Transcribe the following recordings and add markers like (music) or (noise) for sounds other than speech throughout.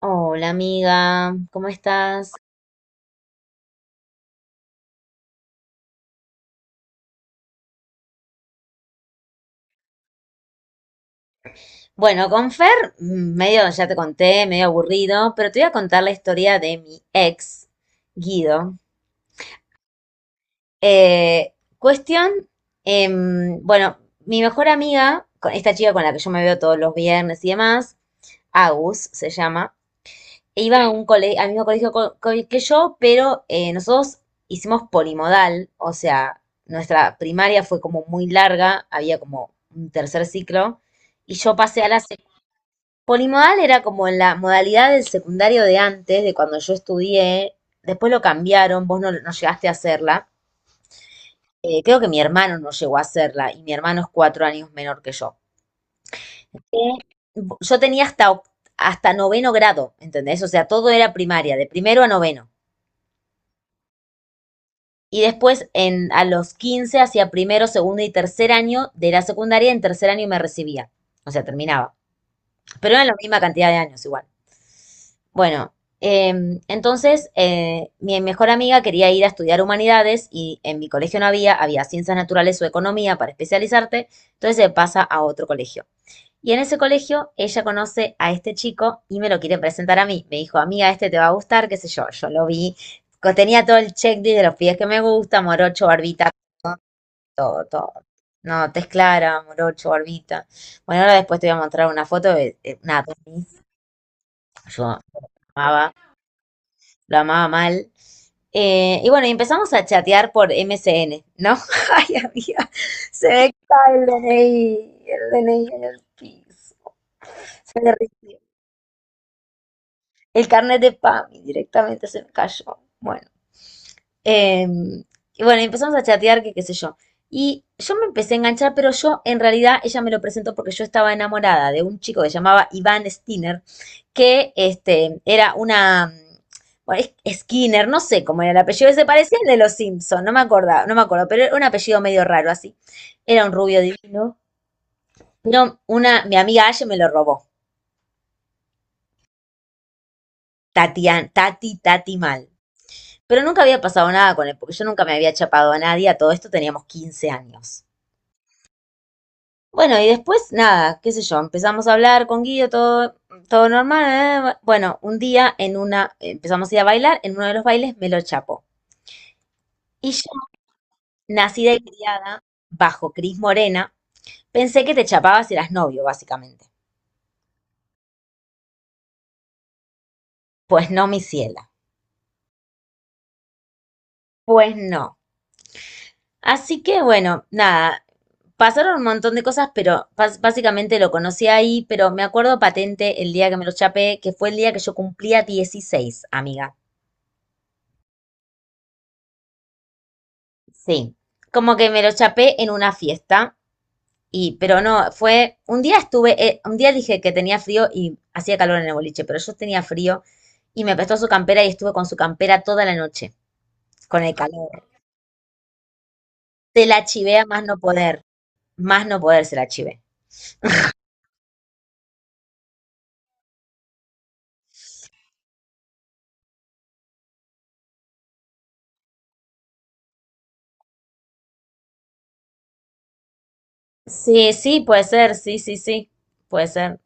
Hola amiga, ¿cómo estás? Bueno, con Fer, medio, ya te conté, medio aburrido, pero te voy a contar la historia de mi ex, Guido. Eh, cuestión, bueno, mi mejor amiga, esta chica con la que yo me veo todos los viernes y demás, Agus se llama, iban a un al mismo colegio que yo, pero nosotros hicimos polimodal, o sea, nuestra primaria fue como muy larga, había como un tercer ciclo, y yo pasé a Polimodal era como en la modalidad del secundario de antes, de cuando yo estudié, después lo cambiaron, vos no, no llegaste a hacerla. Creo que mi hermano no llegó a hacerla, y mi hermano es 4 años menor que yo. Eh, Yo tenía hasta noveno grado, ¿entendés? O sea, todo era primaria, de primero a noveno. Y después a los 15 hacía primero, segundo y tercer año de la secundaria, en tercer año me recibía. O sea, terminaba. Pero eran la misma cantidad de años igual. Bueno, entonces mi mejor amiga quería ir a estudiar humanidades y en mi colegio no había, había ciencias naturales o economía para especializarte, entonces se pasa a otro colegio. Y en ese colegio ella conoce a este chico y me lo quiere presentar a mí. Me dijo, amiga, este te va a gustar, qué sé yo. Yo lo vi, tenía todo el checklist de los pies que me gusta, morocho, barbita, todo, todo. No, tez clara, morocho, barbita. Bueno, ahora después te voy a mostrar una foto de una Tony. Yo amaba, lo amaba mal. Y bueno, y empezamos a chatear por MSN, ¿no? (laughs) Ay, amiga, se ve que estaba el DNI, el DNI en el piso. Se me derritió. El carnet de PAMI directamente se me cayó. Bueno. Em, y bueno, empezamos a chatear, que qué sé yo. Y yo me empecé a enganchar, pero yo en realidad ella me lo presentó porque yo estaba enamorada de un chico que se llamaba Iván Skinner, que este, era una, bueno, es- Skinner, no sé cómo era el apellido, se parecía al de los Simpson, no me acordaba, no me acuerdo, pero era un apellido medio raro así. Era un rubio divino, pero mi amiga Aye me lo robó. Tati, Tati mal. Pero nunca había pasado nada con él, porque yo nunca me había chapado a nadie, a todo esto teníamos 15 años. Bueno, y después nada, qué sé yo, empezamos a hablar con Guido, todo, todo normal. Bueno, un día empezamos a ir a bailar, en uno de los bailes me lo chapó. Y yo, nacida y criada bajo Cris Morena, pensé que te chapabas si eras novio, básicamente. Pues no, mi ciela. Pues no. Así que bueno, nada, pasaron un montón de cosas, pero básicamente lo conocí ahí, pero me acuerdo patente el día que me lo chapé, que fue el día que yo cumplía 16 amiga. Sí, como que me lo chapé en una fiesta, y, pero no, fue, un día estuve, un día dije que tenía frío y hacía calor en el boliche, pero yo tenía frío y me prestó su campera y estuve con su campera toda la noche, con el calor. Se la chivé a más no poder se la chivé. Sí, sí, puede ser, sí, sí, sí, puede ser.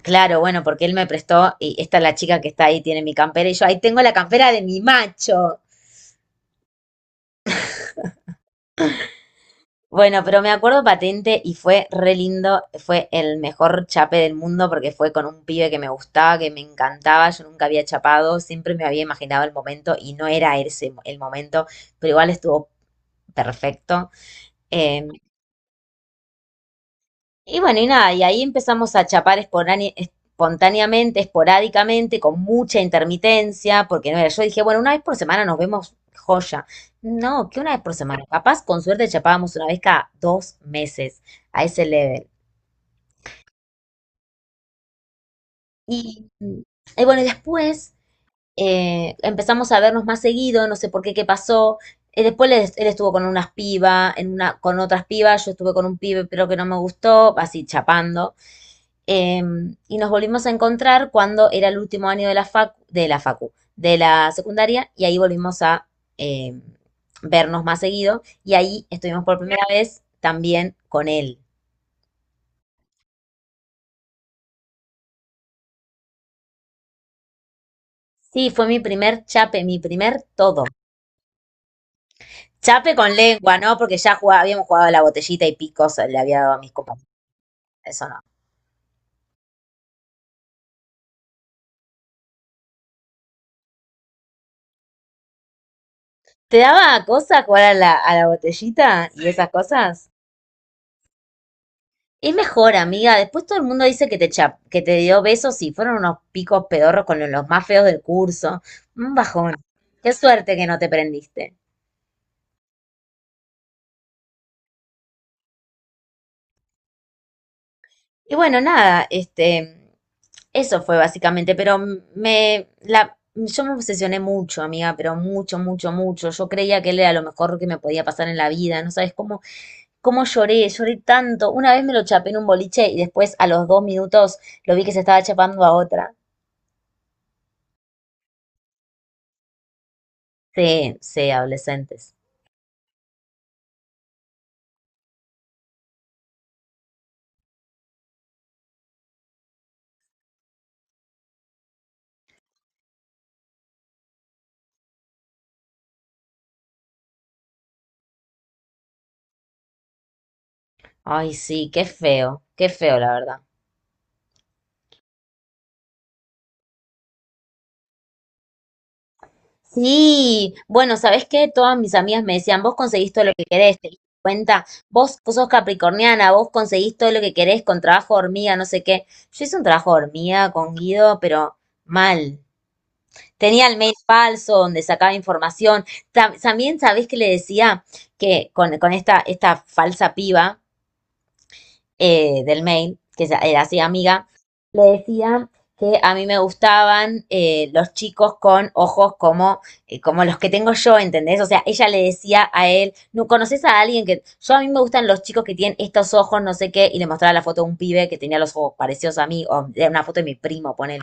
Claro, bueno, porque él me prestó y esta es la chica que está ahí, tiene mi campera y yo ahí tengo la campera de mi macho. Bueno, pero me acuerdo patente y fue re lindo, fue el mejor chape del mundo porque fue con un pibe que me gustaba, que me encantaba, yo nunca había chapado, siempre me había imaginado el momento y no era el momento, pero igual estuvo perfecto. Eh, y bueno, y nada, y ahí empezamos a chapar espontáneamente, esporádicamente, con mucha intermitencia, porque no era, yo dije, bueno, una vez por semana nos vemos joya. No, que una vez por semana, capaz con suerte chapábamos una vez cada 2 meses a ese level. Y, y bueno, y después empezamos a vernos más seguido, no sé por qué, qué pasó. Después él estuvo con unas pibas, con otras pibas, yo estuve con un pibe, pero que no me gustó, así chapando. Eh, y nos volvimos a encontrar cuando era el último año de la facu, de la secundaria, y ahí volvimos a eh, vernos más seguido. Y ahí estuvimos por primera vez también con él. Sí, fue mi primer chape, mi primer todo. Chape con lengua, ¿no? Porque ya habíamos jugado a la botellita y picos le había dado a mis compañeros. Eso no. ¿Te daba cosa jugar a a la botellita y esas cosas? Es mejor, amiga. Después todo el mundo dice que que te dio besos y fueron unos picos pedorros con los más feos del curso. Un bajón. Qué suerte que no te prendiste. Y bueno, nada, este, eso fue básicamente, pero yo me obsesioné mucho, amiga, pero mucho, mucho, mucho. Yo creía que él era lo mejor que me podía pasar en la vida. No sabes cómo lloré, lloré tanto. Una vez me lo chapé en un boliche y después a los 2 minutos lo vi que se estaba chapando a otra. Sí, sí, adolescentes. Ay, sí, qué feo, la verdad. Sí, bueno, ¿sabés qué? Todas mis amigas me decían, vos conseguís todo lo que querés, te diste cuenta, vos, vos sos capricorniana, vos conseguís todo lo que querés con trabajo de hormiga, no sé qué. Yo hice un trabajo de hormiga con Guido, pero mal. Tenía el mail falso donde sacaba información. También, ¿sabés que le decía? Que con esta falsa piba del mail, era así amiga, le decía que a mí me gustaban los chicos con ojos como, como los que tengo yo, ¿entendés? O sea, ella le decía a él, ¿no conoces a alguien que... Yo a mí me gustan los chicos que tienen estos ojos, no sé qué, y le mostraba la foto de un pibe que tenía los ojos parecidos a mí, o era una foto de mi primo, ponele.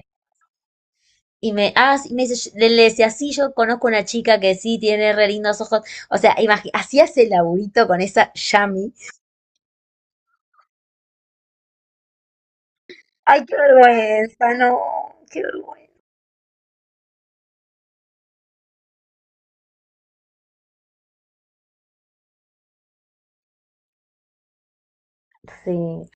Y me, ah, sí, me dice, yo- le decía, sí, yo conozco una chica que sí tiene re lindos ojos. O sea, hacías el laburito con esa Yami. Ay, qué vergüenza, no, qué vergüenza. Sí.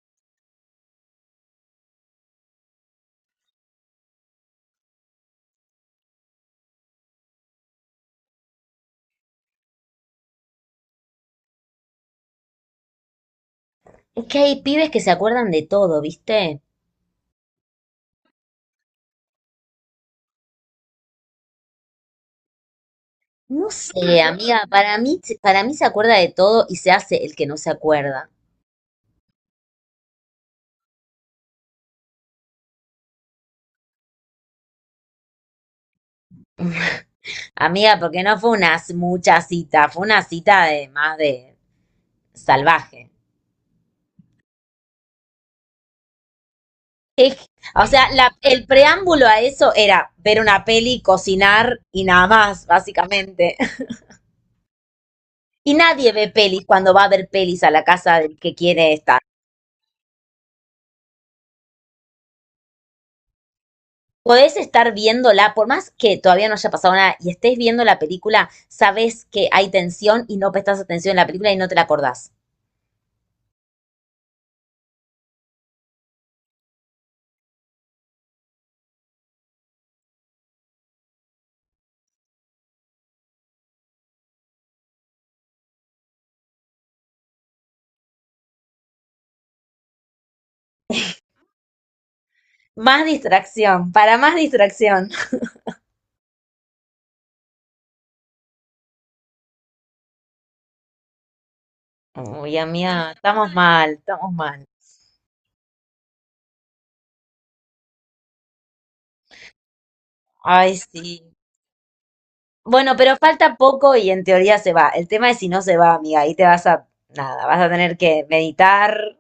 Es que hay pibes que se acuerdan de todo, ¿viste? No sé, amiga, para mí se acuerda de todo y se hace el que no se acuerda. (laughs) Amiga, porque no fue mucha cita, fue una cita de más de salvaje. Es- o sea, el preámbulo a eso era ver una peli, cocinar y nada más, básicamente. (laughs) Y nadie ve pelis cuando va a ver pelis a la casa del que quiere estar. Podés estar viéndola, por más que todavía no haya pasado nada y estés viendo la película, sabes que hay tensión y no prestás atención en la película y no te la acordás. Más distracción, para más distracción. (laughs) Uy, amiga, estamos mal, estamos mal. Ay, sí. Bueno, pero falta poco y en teoría se va. El tema es si no se va, amiga, ahí te vas a, nada, vas a tener que meditar,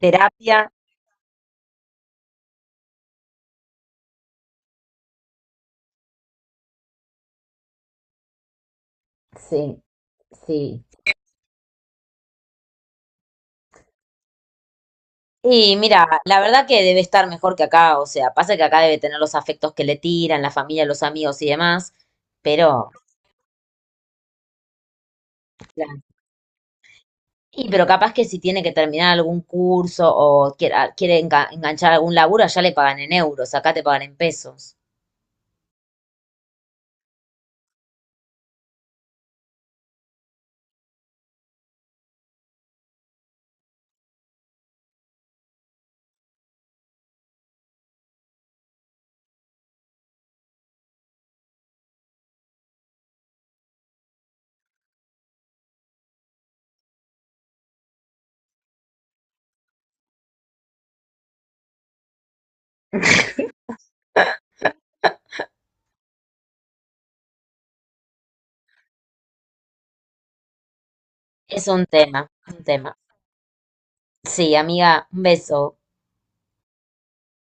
terapia. Sí, sí. Y mira, la verdad que debe estar mejor que acá, o sea, pasa que acá debe tener los afectos que le tiran, la familia, los amigos y demás, pero, claro. Y pero capaz que si tiene que terminar algún curso o quiere, ah, quiere enganchar algún laburo, allá le pagan en euros, acá te pagan en pesos. Es un tema, un tema. Sí, amiga, un beso.